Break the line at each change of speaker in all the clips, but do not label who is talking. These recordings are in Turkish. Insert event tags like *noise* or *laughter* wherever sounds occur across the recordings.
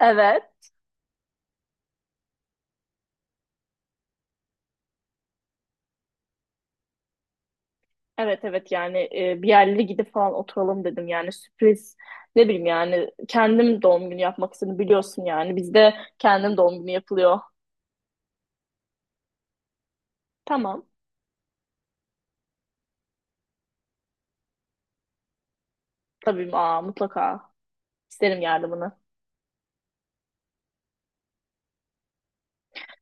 Evet. Evet evet yani bir yerlere gidip falan oturalım dedim yani sürpriz ne bileyim yani kendim doğum günü yapmak istedim biliyorsun yani bizde kendim doğum günü yapılıyor. Tamam tabii aa, mutlaka isterim yardımını.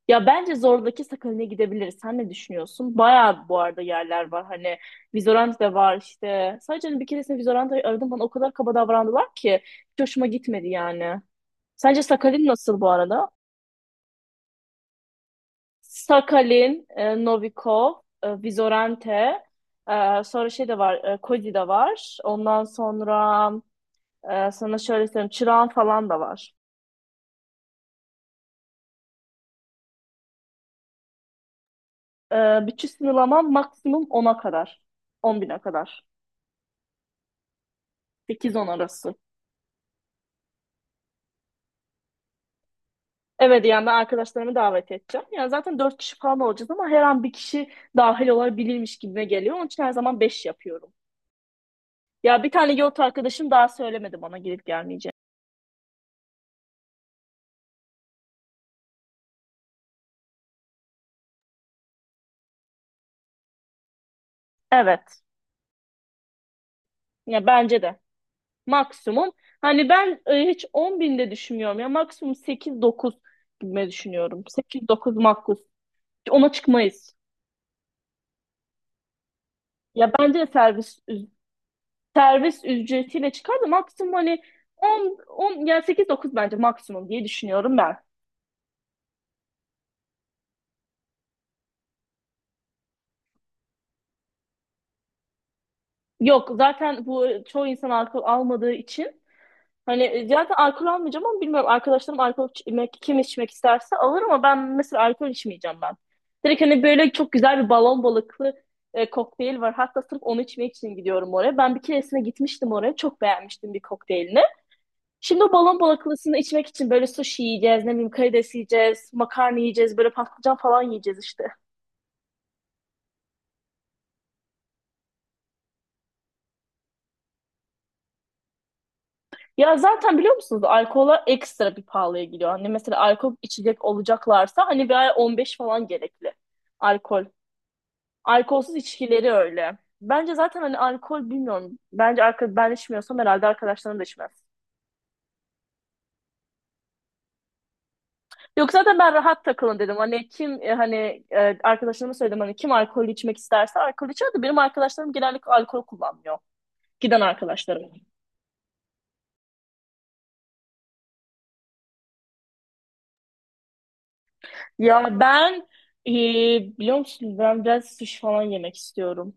Ya bence Zorlu'daki Sakalin'e gidebiliriz. Sen ne düşünüyorsun? Bayağı bu arada yerler var. Hani Vizorant da var işte. Sadece hani bir keresinde Vizorant'ı aradım bana o kadar kaba davrandılar ki hiç hoşuma gitmedi yani. Sence Sakalin nasıl bu arada? Sakalin, Novikov, Vizorente, sonra şey de var, Cody de var. Ondan sonra sana şöyle söyleyeyim, Çırağan falan da var. E, Bütün sınırlaman maksimum ona kadar. 10 bine kadar. Sekiz 10 arası. Evet yani ben arkadaşlarımı davet edeceğim. Yani zaten 4 kişi falan olacağız ama her an bir kişi dahil olabilirmiş gibime geliyor. Onun için her zaman 5 yapıyorum. Ya bir tane yurt arkadaşım daha söylemedi bana gelip gelmeyeceğini. Evet. Ya bence de. Maksimum. Hani ben hiç 10 binde düşünmüyorum ya. Maksimum 8-9 gibi düşünüyorum. 8-9 makul. Ona çıkmayız. Ya bence de servis ücretiyle çıkar da maksimum hani 10, 10 yani 8-9 bence maksimum diye düşünüyorum ben. Yok zaten bu çoğu insan alkol almadığı için. Hani zaten alkol almayacağım ama bilmiyorum arkadaşlarım alkol içmek, kim içmek isterse alır ama ben mesela alkol içmeyeceğim ben. Direkt hani böyle çok güzel bir balon balıklı kokteyl var. Hatta sırf onu içmek için gidiyorum oraya. Ben bir keresine gitmiştim oraya. Çok beğenmiştim bir kokteylini. Şimdi o balon balaklısını içmek için böyle sushi yiyeceğiz, ne bileyim karides yiyeceğiz, makarna yiyeceğiz, böyle patlıcan falan yiyeceğiz işte. Ya zaten biliyor musunuz alkola ekstra bir pahalıya gidiyor. Hani mesela alkol içecek olacaklarsa hani bir ay 15 falan gerekli alkol. Alkolsüz içkileri öyle. Bence zaten hani alkol bilmiyorum. Bence alkol ben içmiyorsam herhalde arkadaşlarım da içmez. Yok zaten ben rahat takılın dedim. Hani kim hani arkadaşlarıma söyledim hani kim alkol içmek isterse alkol içer de benim arkadaşlarım genellikle alkol kullanmıyor. Giden arkadaşlarım. Ya ben e, biliyor musun ben biraz sushi falan yemek istiyorum.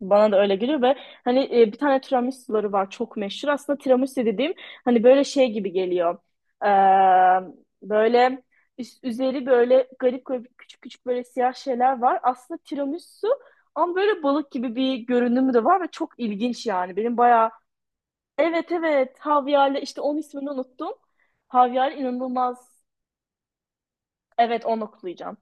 Bana da öyle geliyor ve hani bir tane tiramisuları var çok meşhur. Aslında tiramisu dediğim hani böyle şey gibi geliyor. Ee, Böyle üzeri böyle garip garip küçük küçük böyle siyah şeyler var. Aslında tiramisu ama böyle balık gibi bir görünümü de var ve çok ilginç yani. Benim bayağı. Evet evet Havyar'la işte onun ismini unuttum. Havyar inanılmaz. Evet onu okuyacağım.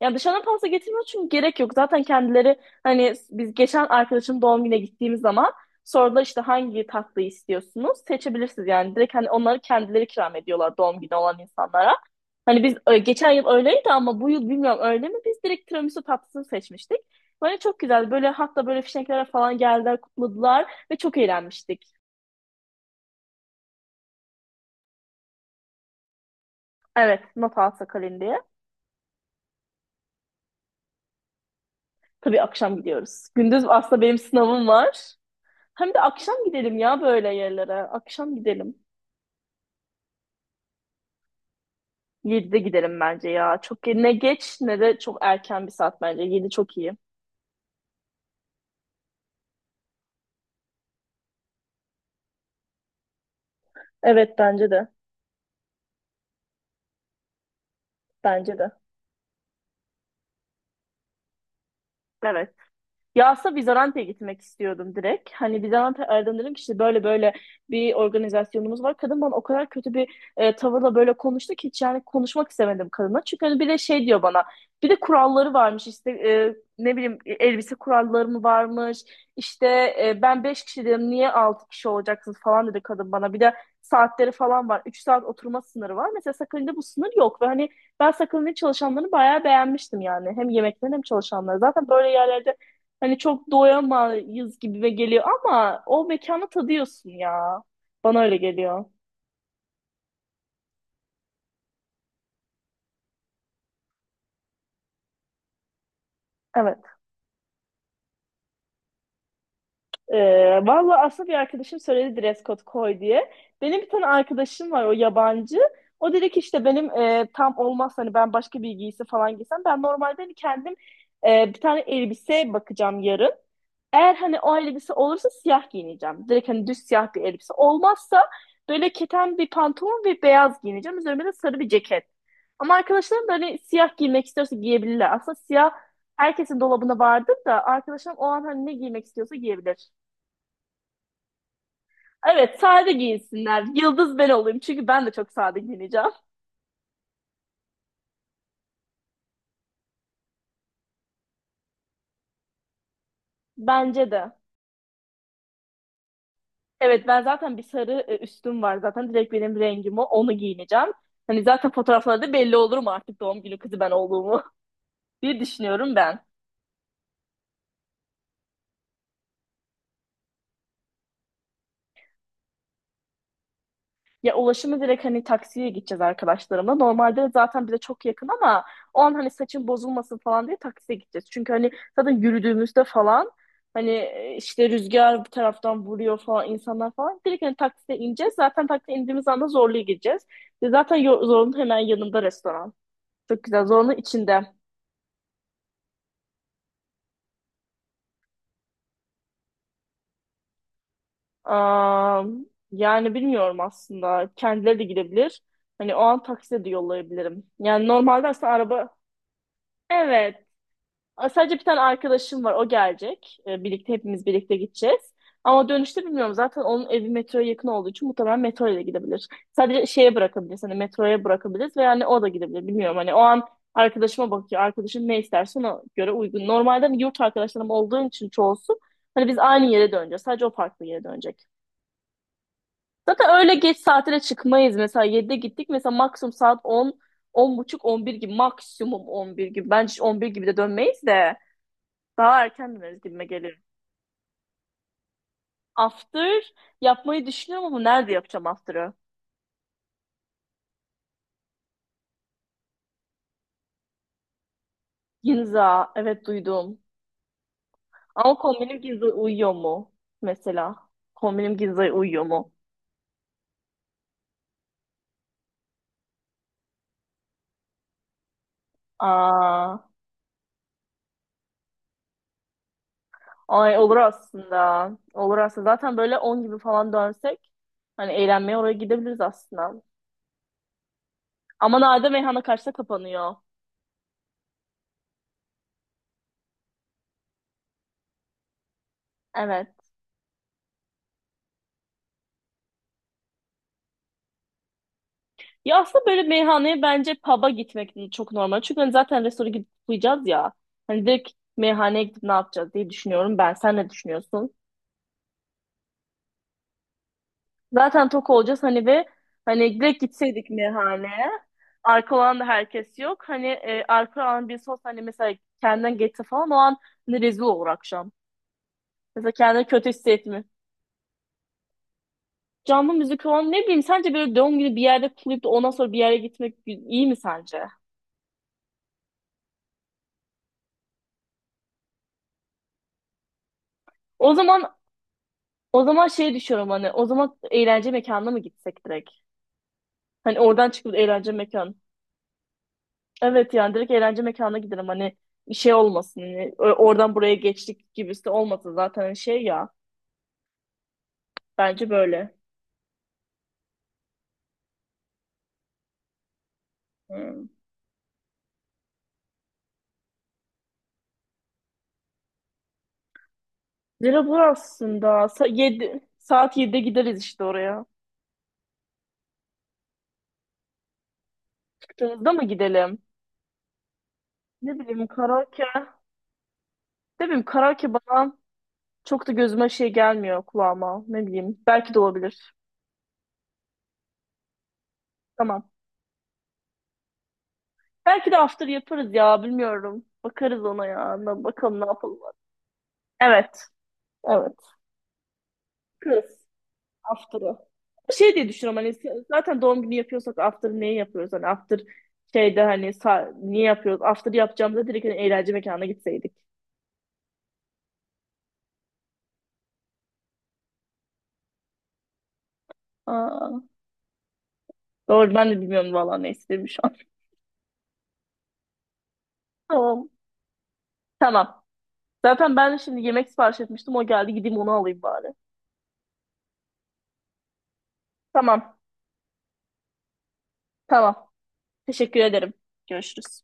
Yani dışarıdan pasta getirmiyor çünkü gerek yok. Zaten kendileri hani biz geçen arkadaşım doğum gününe gittiğimiz zaman sordular işte hangi tatlıyı istiyorsunuz? Seçebilirsiniz yani. Direkt hani onları kendileri ikram ediyorlar doğum günü olan insanlara. Hani biz geçen yıl öyleydi ama bu yıl bilmiyorum öyle mi? Biz direkt tiramisu tatlısını seçmiştik. Böyle çok güzel. Böyle hatta böyle fişeklere falan geldiler, kutladılar ve çok eğlenmiştik. Evet, not alsa kalın diye. Tabii akşam gidiyoruz. Gündüz aslında benim sınavım var. Hem de akşam gidelim ya böyle yerlere. Akşam gidelim. 7'de gidelim bence ya. Çok ne geç ne de çok erken bir saat bence. 7 çok iyi. Evet bence de. Bence de. Evet. Ya aslında Bizante'ye gitmek istiyordum direkt. Hani Bizante aradım dedim ki işte böyle böyle bir organizasyonumuz var. Kadın bana o kadar kötü bir tavırla böyle konuştu ki hiç yani konuşmak istemedim kadına. Çünkü hani bir de şey diyor bana bir de kuralları varmış işte ne bileyim elbise kuralları mı varmış. İşte ben 5 kişi dedim niye 6 kişi olacaksınız falan dedi kadın bana. Bir de saatleri falan var. 3 saat oturma sınırı var. Mesela Sakın'da bu sınır yok ve hani ben Sakın'ın çalışanlarını bayağı beğenmiştim yani. Hem yemeklerini hem çalışanları. Zaten böyle yerlerde hani çok doyamayız gibime geliyor ama o mekanı tadıyorsun ya. Bana öyle geliyor. Evet. Valla aslında bir arkadaşım söyledi dress code koy diye. Benim bir tane arkadaşım var o yabancı. O dedi ki işte benim tam olmaz hani ben başka bir giysi falan giysem. Ben normalde hani kendim bir tane elbise bakacağım yarın. Eğer hani o elbise olursa siyah giyineceğim. Direkt hani düz siyah bir elbise. Olmazsa böyle keten bir pantolon ve beyaz giyineceğim. Üzerime de sarı bir ceket. Ama arkadaşlarım da hani siyah giymek istiyorsa giyebilirler. Aslında siyah herkesin dolabında vardır da arkadaşlarım o an hani ne giymek istiyorsa giyebilir. Evet, sade giyinsinler. Yıldız ben olayım çünkü ben de çok sade giyineceğim. Bence de. Evet ben zaten bir sarı üstüm var zaten direkt benim rengim o onu giyineceğim. Hani zaten fotoğraflarda belli olurum artık doğum günü kızı ben olduğumu *laughs* diye düşünüyorum ben. Ya ulaşımı direkt hani taksiye gideceğiz arkadaşlarımla. Normalde zaten bize çok yakın ama o an hani saçın bozulmasın falan diye taksiye gideceğiz. Çünkü hani zaten yürüdüğümüzde falan hani işte rüzgar bir taraftan vuruyor falan insanlar falan. Direkt hani taksiye ineceğiz. Zaten taksiye indiğimiz anda Zorlu'ya gideceğiz. Ve zaten Zorlu'nun hemen yanında restoran. Çok güzel. Zorlu'nun içinde. Aa, yani bilmiyorum aslında. Kendileri de gidebilir. Hani o an taksiye de yollayabilirim. Yani normalde aslında araba. Evet. Aa, sadece bir tane arkadaşım var. O gelecek. Birlikte hepimiz birlikte gideceğiz. Ama dönüşte bilmiyorum. Zaten onun evi metroya yakın olduğu için muhtemelen metro ile gidebilir. Sadece şeye bırakabiliriz. Hani metroya bırakabiliriz ve yani o da gidebilir. Bilmiyorum hani o an arkadaşıma bakıyor. Arkadaşım ne isterse ona göre uygun. Normalde hani yurt arkadaşlarım olduğu için çoğusu hani biz aynı yere döneceğiz. Sadece o farklı yere dönecek. Zaten öyle geç saatlere çıkmayız. Mesela 7'de gittik. Mesela maksimum saat 10, 10.30, 11 gibi. Maksimum 11 gibi. Bence 11 gibi de dönmeyiz de. Daha erken döneriz gibime geliyor. After yapmayı düşünüyorum ama nerede yapacağım after'ı? Ginza, evet duydum. Ama kombinim Ginza uyuyor mu? Mesela. Kombinim Ginza'ya uyuyor mu? Aa, ay olur aslında. Olur aslında. Zaten böyle 10 gibi falan dönsek hani eğlenmeye oraya gidebiliriz aslında. Ama Nade meyhana karşıda kapanıyor. Evet. Ya aslında böyle meyhaneye bence pub'a gitmek çok normal. Çünkü hani zaten restorana gidip uyuyacağız ya. Hani direkt meyhaneye gidip ne yapacağız diye düşünüyorum ben. Sen ne düşünüyorsun? Zaten tok olacağız hani ve hani direkt gitseydik meyhaneye. Arka olan da herkes yok. Hani arka olan birisi olsa hani mesela kendinden geçse falan o an hani rezil olur akşam. Mesela kendini kötü hissetme. Canlı müzik olan ne bileyim sence böyle doğum günü bir yerde kutlayıp da ondan sonra bir yere gitmek iyi mi sence? O zaman O zaman şey düşünüyorum hani o zaman eğlence mekanına mı gitsek direkt? Hani oradan çıkıp eğlence mekan. Evet yani direkt eğlence mekanına gidelim hani bir şey olmasın. Hani, oradan buraya geçtik gibisi de olmasın zaten hani şey ya. Bence böyle. Hmm. Lira bu aslında. Yedi, saat yedi'de gideriz işte oraya. Çıktığımızda mı gidelim? Ne bileyim karaoke. Ne bileyim karaoke bana çok da gözüme şey gelmiyor kulağıma. Ne bileyim belki de olabilir. Tamam. Belki de after yaparız ya bilmiyorum. Bakarız ona ya. Bakalım ne yapalım. Evet. Evet. Kız. After'ı. Şey diye düşünüyorum hani zaten doğum günü yapıyorsak after niye yapıyoruz? Hani after şeyde hani niye yapıyoruz? After yapacağımızda direkt hani eğlence mekanına gitseydik. Aa, doğru ben de bilmiyorum vallahi ne istediğimi şu an. *laughs* Tamam. Tamam. Zaten ben şimdi yemek sipariş etmiştim. O geldi gideyim onu alayım bari. Tamam. Tamam. Teşekkür ederim. Görüşürüz.